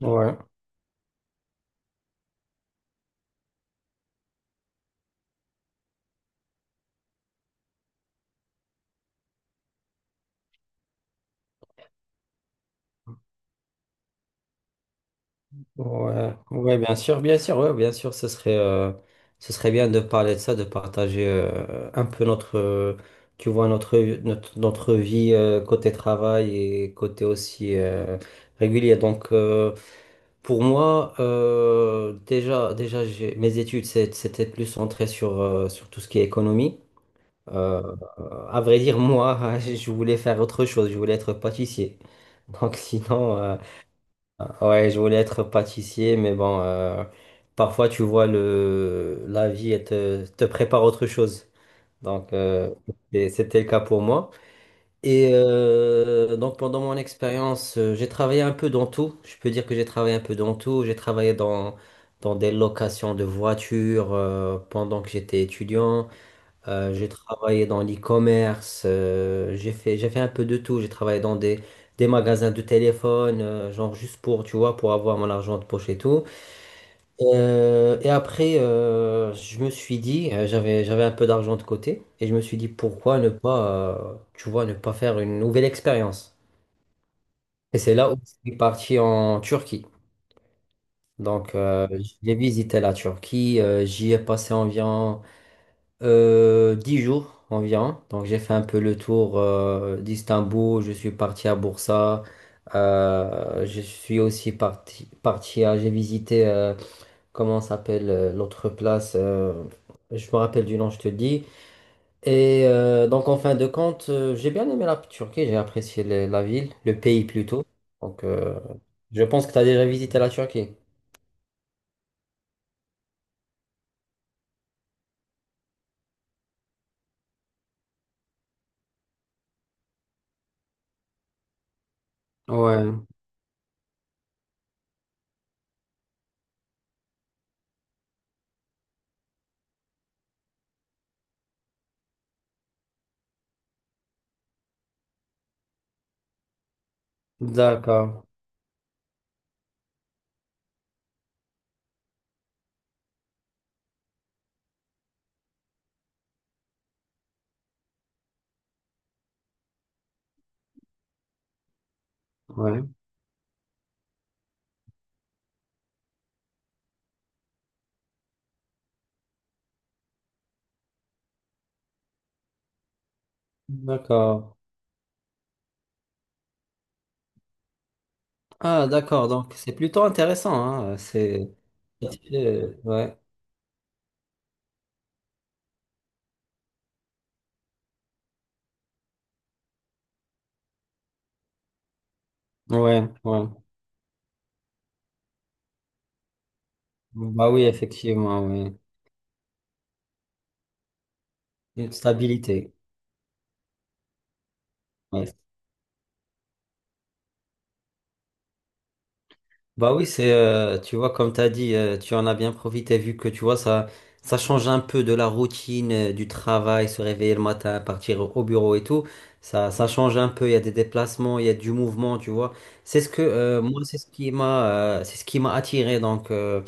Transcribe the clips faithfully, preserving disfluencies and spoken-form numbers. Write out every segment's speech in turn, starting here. Ouais, ouais, ouais, bien sûr, bien sûr, ouais, bien sûr, ce serait, euh, ce serait bien de parler de ça, de partager euh, un peu notre, euh, tu vois, notre, notre, notre vie euh, côté travail et côté aussi euh, régulier. Donc, euh, pour moi, euh, déjà, déjà, j'ai- mes études, c'est- c'était plus centré sur, euh, sur tout ce qui est économie. Euh, euh, à vrai dire, moi, je voulais faire autre chose, je voulais être pâtissier. Donc, sinon. euh, Ouais, je voulais être pâtissier, mais bon, euh, parfois tu vois le la vie elle te, te prépare autre chose. Donc euh, et c'était le cas pour moi. Et euh, donc pendant mon expérience, euh, j'ai travaillé un peu dans tout. Je peux dire que j'ai travaillé un peu dans tout. J'ai travaillé dans dans des locations de voitures, euh, pendant que j'étais étudiant. Euh, j'ai travaillé dans l'e-commerce, euh, j'ai fait, j'ai fait un peu de tout. J'ai travaillé dans des, des magasins de téléphone, euh, genre juste pour, tu vois, pour avoir mon argent de poche et tout. Euh, et après, euh, je me suis dit, euh, j'avais, j'avais un peu d'argent de côté, et je me suis dit, pourquoi ne pas, euh, tu vois, ne pas faire une nouvelle expérience. Et c'est là où je suis parti en Turquie. Donc, euh, j'ai visité la Turquie, euh, j'y ai passé environ Euh, dix jours environ. Donc j'ai fait un peu le tour, euh, d'Istanbul, je suis parti à Bursa, euh, je suis aussi parti, parti à, j'ai visité, euh, comment s'appelle, euh, l'autre place, euh, je me rappelle du nom, je te dis. Et euh, donc en fin de compte, euh, j'ai bien aimé la Turquie, j'ai apprécié le- la ville, le pays plutôt. Donc euh, je pense que tu as déjà visité la Turquie. Ouais, d'accord. Ouais. D'accord. Ah, d'accord, donc c'est plutôt intéressant, hein. euh, C'est. Euh, Ouais, ouais, ouais. Bah oui, effectivement, oui. Une stabilité. Ouais, Bah oui, c'est, euh, tu vois, comme tu as dit, euh, tu en as bien profité, vu que tu vois, ça ça change un peu de la routine, euh, du travail, se réveiller le matin, partir au au bureau et tout. Ça ça change un peu, il y a des déplacements, il y a du mouvement, tu vois. C'est ce que euh, Moi, c'est ce qui m'a euh, c'est ce qui m'a attiré, donc, euh,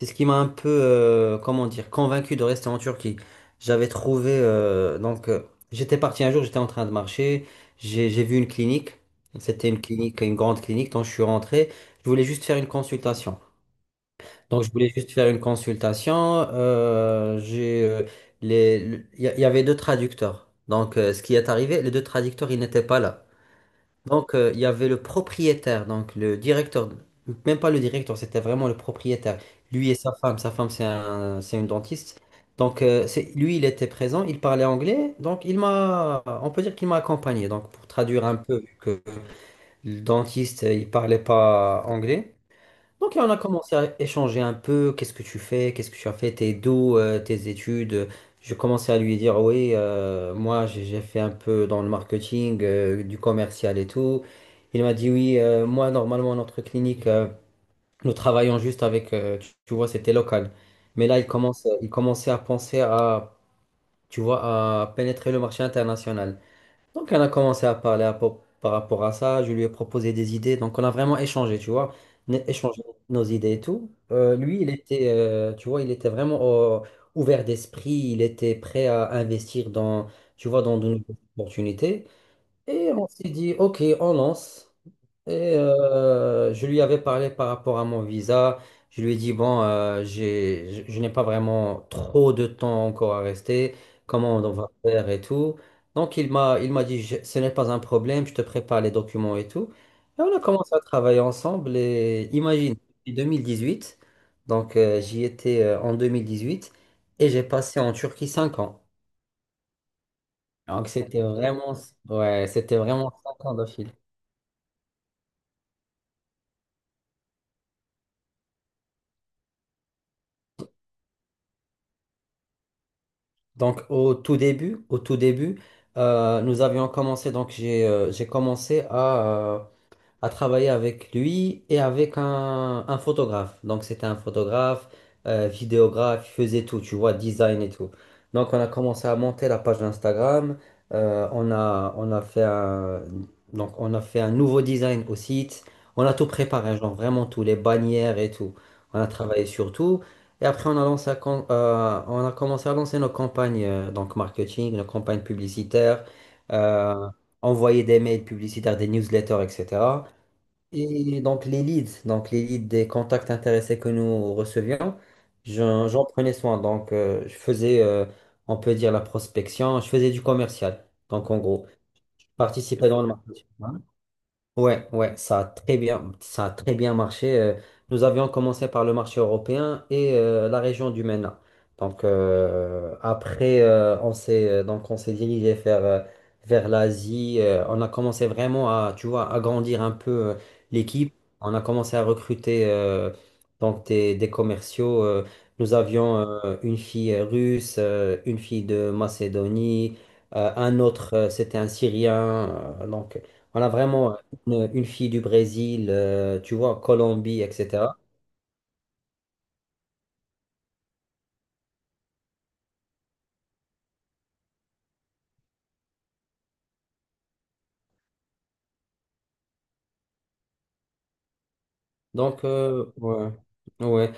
c'est ce qui m'a un peu, euh, comment dire, convaincu de rester en Turquie. J'avais trouvé euh, donc euh, J'étais parti un jour, j'étais en train de marcher, j'ai j'ai vu une clinique. C'était une clinique, une grande clinique, donc je suis rentré. Je voulais juste faire une consultation. Donc, je voulais juste faire une consultation. euh, j'ai, euh, les, le- il y, a- il y avait deux traducteurs. Donc, euh, ce qui est arrivé, les deux traducteurs, ils n'étaient pas là. Donc, euh, il y avait le propriétaire, donc le directeur, même pas le directeur, c'était vraiment le propriétaire. Lui et sa femme. Sa femme, c'est un, c'est une dentiste. Donc, euh, c'est, lui, il était présent, il parlait anglais. Donc, il m'a, on peut dire qu'il m'a accompagné. Donc, pour traduire un peu, vu que le dentiste, il parlait pas anglais. Donc on a commencé à échanger un peu, qu'est-ce que tu fais, qu'est-ce que tu as fait, tes d'où, euh, tes études. Je commençais à lui dire, oui, euh, moi j'ai j'ai fait un peu dans le marketing, euh, du commercial et tout. Il m'a dit, oui, euh, moi normalement notre clinique, euh, nous travaillons juste avec, euh, tu, tu vois, c'était local. Mais là, il commence, il commençait à penser à, tu vois, à pénétrer le marché international. Donc, on a commencé à parler à po- par rapport à ça. Je lui ai proposé des idées. Donc, on a vraiment échangé, tu vois, né- échangé nos idées et tout. Euh, lui, il était, euh, tu vois, il était vraiment, euh, ouvert d'esprit. Il était prêt à investir dans, tu vois, dans de nouvelles opportunités. Et on s'est dit, OK, on lance. Et euh, je lui avais parlé par rapport à mon visa. Je lui ai dit, bon, euh, j'ai, je, je n'ai pas vraiment trop de temps encore à rester. Comment on va faire et tout. Donc, il m'a, il m'a dit, Je- ce n'est pas un problème, je te prépare les documents et tout. Et on a commencé à travailler ensemble. Et imagine, depuis deux mille dix-huit, donc euh, j'y étais, euh, en deux mille dix-huit, et j'ai passé en Turquie cinq ans. Donc, c'était vraiment, ouais, c'était vraiment cinq ans de... Donc au tout début, au tout début, euh, nous avions commencé, donc j'ai euh, j'ai commencé à, euh, à travailler avec lui et avec un, un photographe. Donc c'était un photographe, euh, vidéographe, il faisait tout, tu vois, design et tout. Donc on a commencé à monter la page d'Instagram, euh, on a, on a fait un, donc on a fait un nouveau design au site, on a tout préparé, genre vraiment tout, les bannières et tout. On a travaillé sur tout. Et après, on a lancé, à com- euh, on a commencé à lancer nos campagnes, euh, donc marketing, nos campagnes publicitaires, euh, envoyer des mails publicitaires, des newsletters, et cetera. Et donc les leads, donc les leads des contacts intéressés que nous recevions, j'en j'en prenais soin. Donc euh, je faisais, euh, on peut dire, la prospection, je faisais du commercial. Donc en gros, je participais dans le marketing. Ouais, ouais, ça a très bien, ça a très bien marché. Euh, Nous avions commencé par le marché européen et, euh, la région du MENA. Donc euh, après, euh, on s'est euh, donc on s'est dirigé vers euh, vers l'Asie. Euh, on a commencé vraiment à, tu vois, agrandir un peu, euh, l'équipe. On a commencé à recruter, euh, donc des, des commerciaux. Euh, nous avions, euh, une fille, euh, russe, euh, une fille de Macédonie, euh, un autre, euh, c'était un Syrien. Euh, donc on a vraiment une, une fille du Brésil, euh, tu vois, Colombie, et cetera. Donc, euh, ouais. Ouais.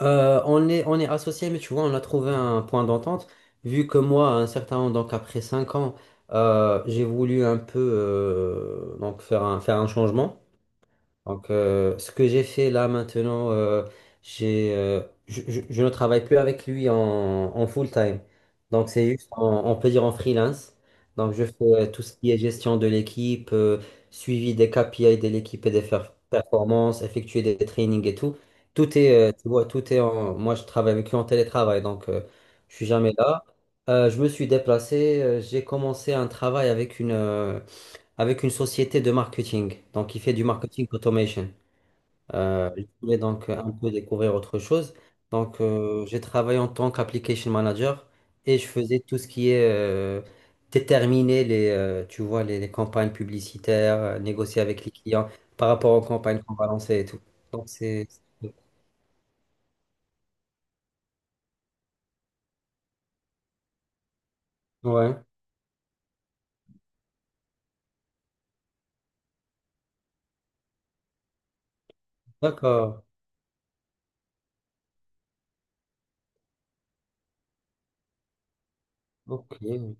Euh, on est, on est associés, mais tu vois, on a trouvé un point d'entente. Vu que moi, à un certain moment, donc après cinq ans, euh, j'ai voulu un peu, euh, donc faire un, faire un changement. Donc, euh, ce que j'ai fait là maintenant, euh, j'ai, euh, je, je- je ne travaille plus avec lui en, en full-time. Donc, c'est juste, en- on peut dire en freelance. Donc, je fais, euh, tout ce qui est gestion de l'équipe, euh, suivi des K P I de l'équipe et des fer- performances, effectuer des trainings et tout. Tout est, euh, tu vois, tout est en. Moi, je travaille avec lui en télétravail, donc, euh, je suis jamais là. Euh, je me suis déplacé, euh, j'ai commencé un travail avec une, euh, avec une société de marketing. Donc, il fait du marketing automation. Euh, je voulais donc un peu découvrir autre chose. Donc, euh, j'ai travaillé en tant qu'application manager et je faisais tout ce qui est, euh, déterminer les, euh, tu vois, les, les campagnes publicitaires, euh, négocier avec les clients par rapport aux campagnes qu'on va lancer et tout. Donc, c'est... Ouais, d'accord. Ok. Ouais.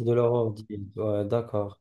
De leur. Ouais, d'accord.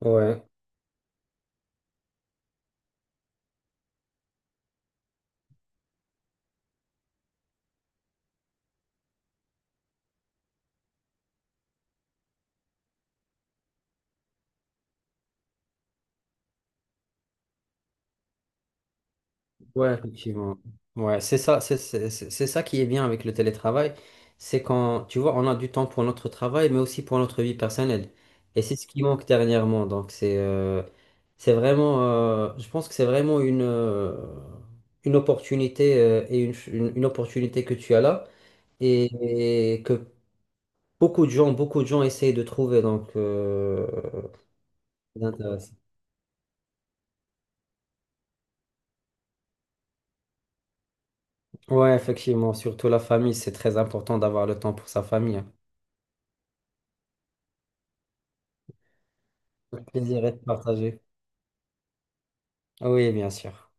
Ouais. Ouais, effectivement. Ouais, c'est ça, c'est c'est- c'est- c'est ça qui est bien avec le télétravail. C'est quand, tu vois, on a du temps pour notre travail, mais aussi pour notre vie personnelle. Et c'est ce qui manque dernièrement. Donc, c'est euh, c'est vraiment, euh, je pense que c'est vraiment une, euh, une opportunité, euh, et une, ch- une, une opportunité que tu as là, et, et que beaucoup de gens, beaucoup de gens essayent de trouver. Donc, euh, c'est intéressant. Ouais, effectivement, surtout la famille, c'est très important d'avoir le temps pour sa famille. Le plaisir est partagé. Ah Oui, bien sûr.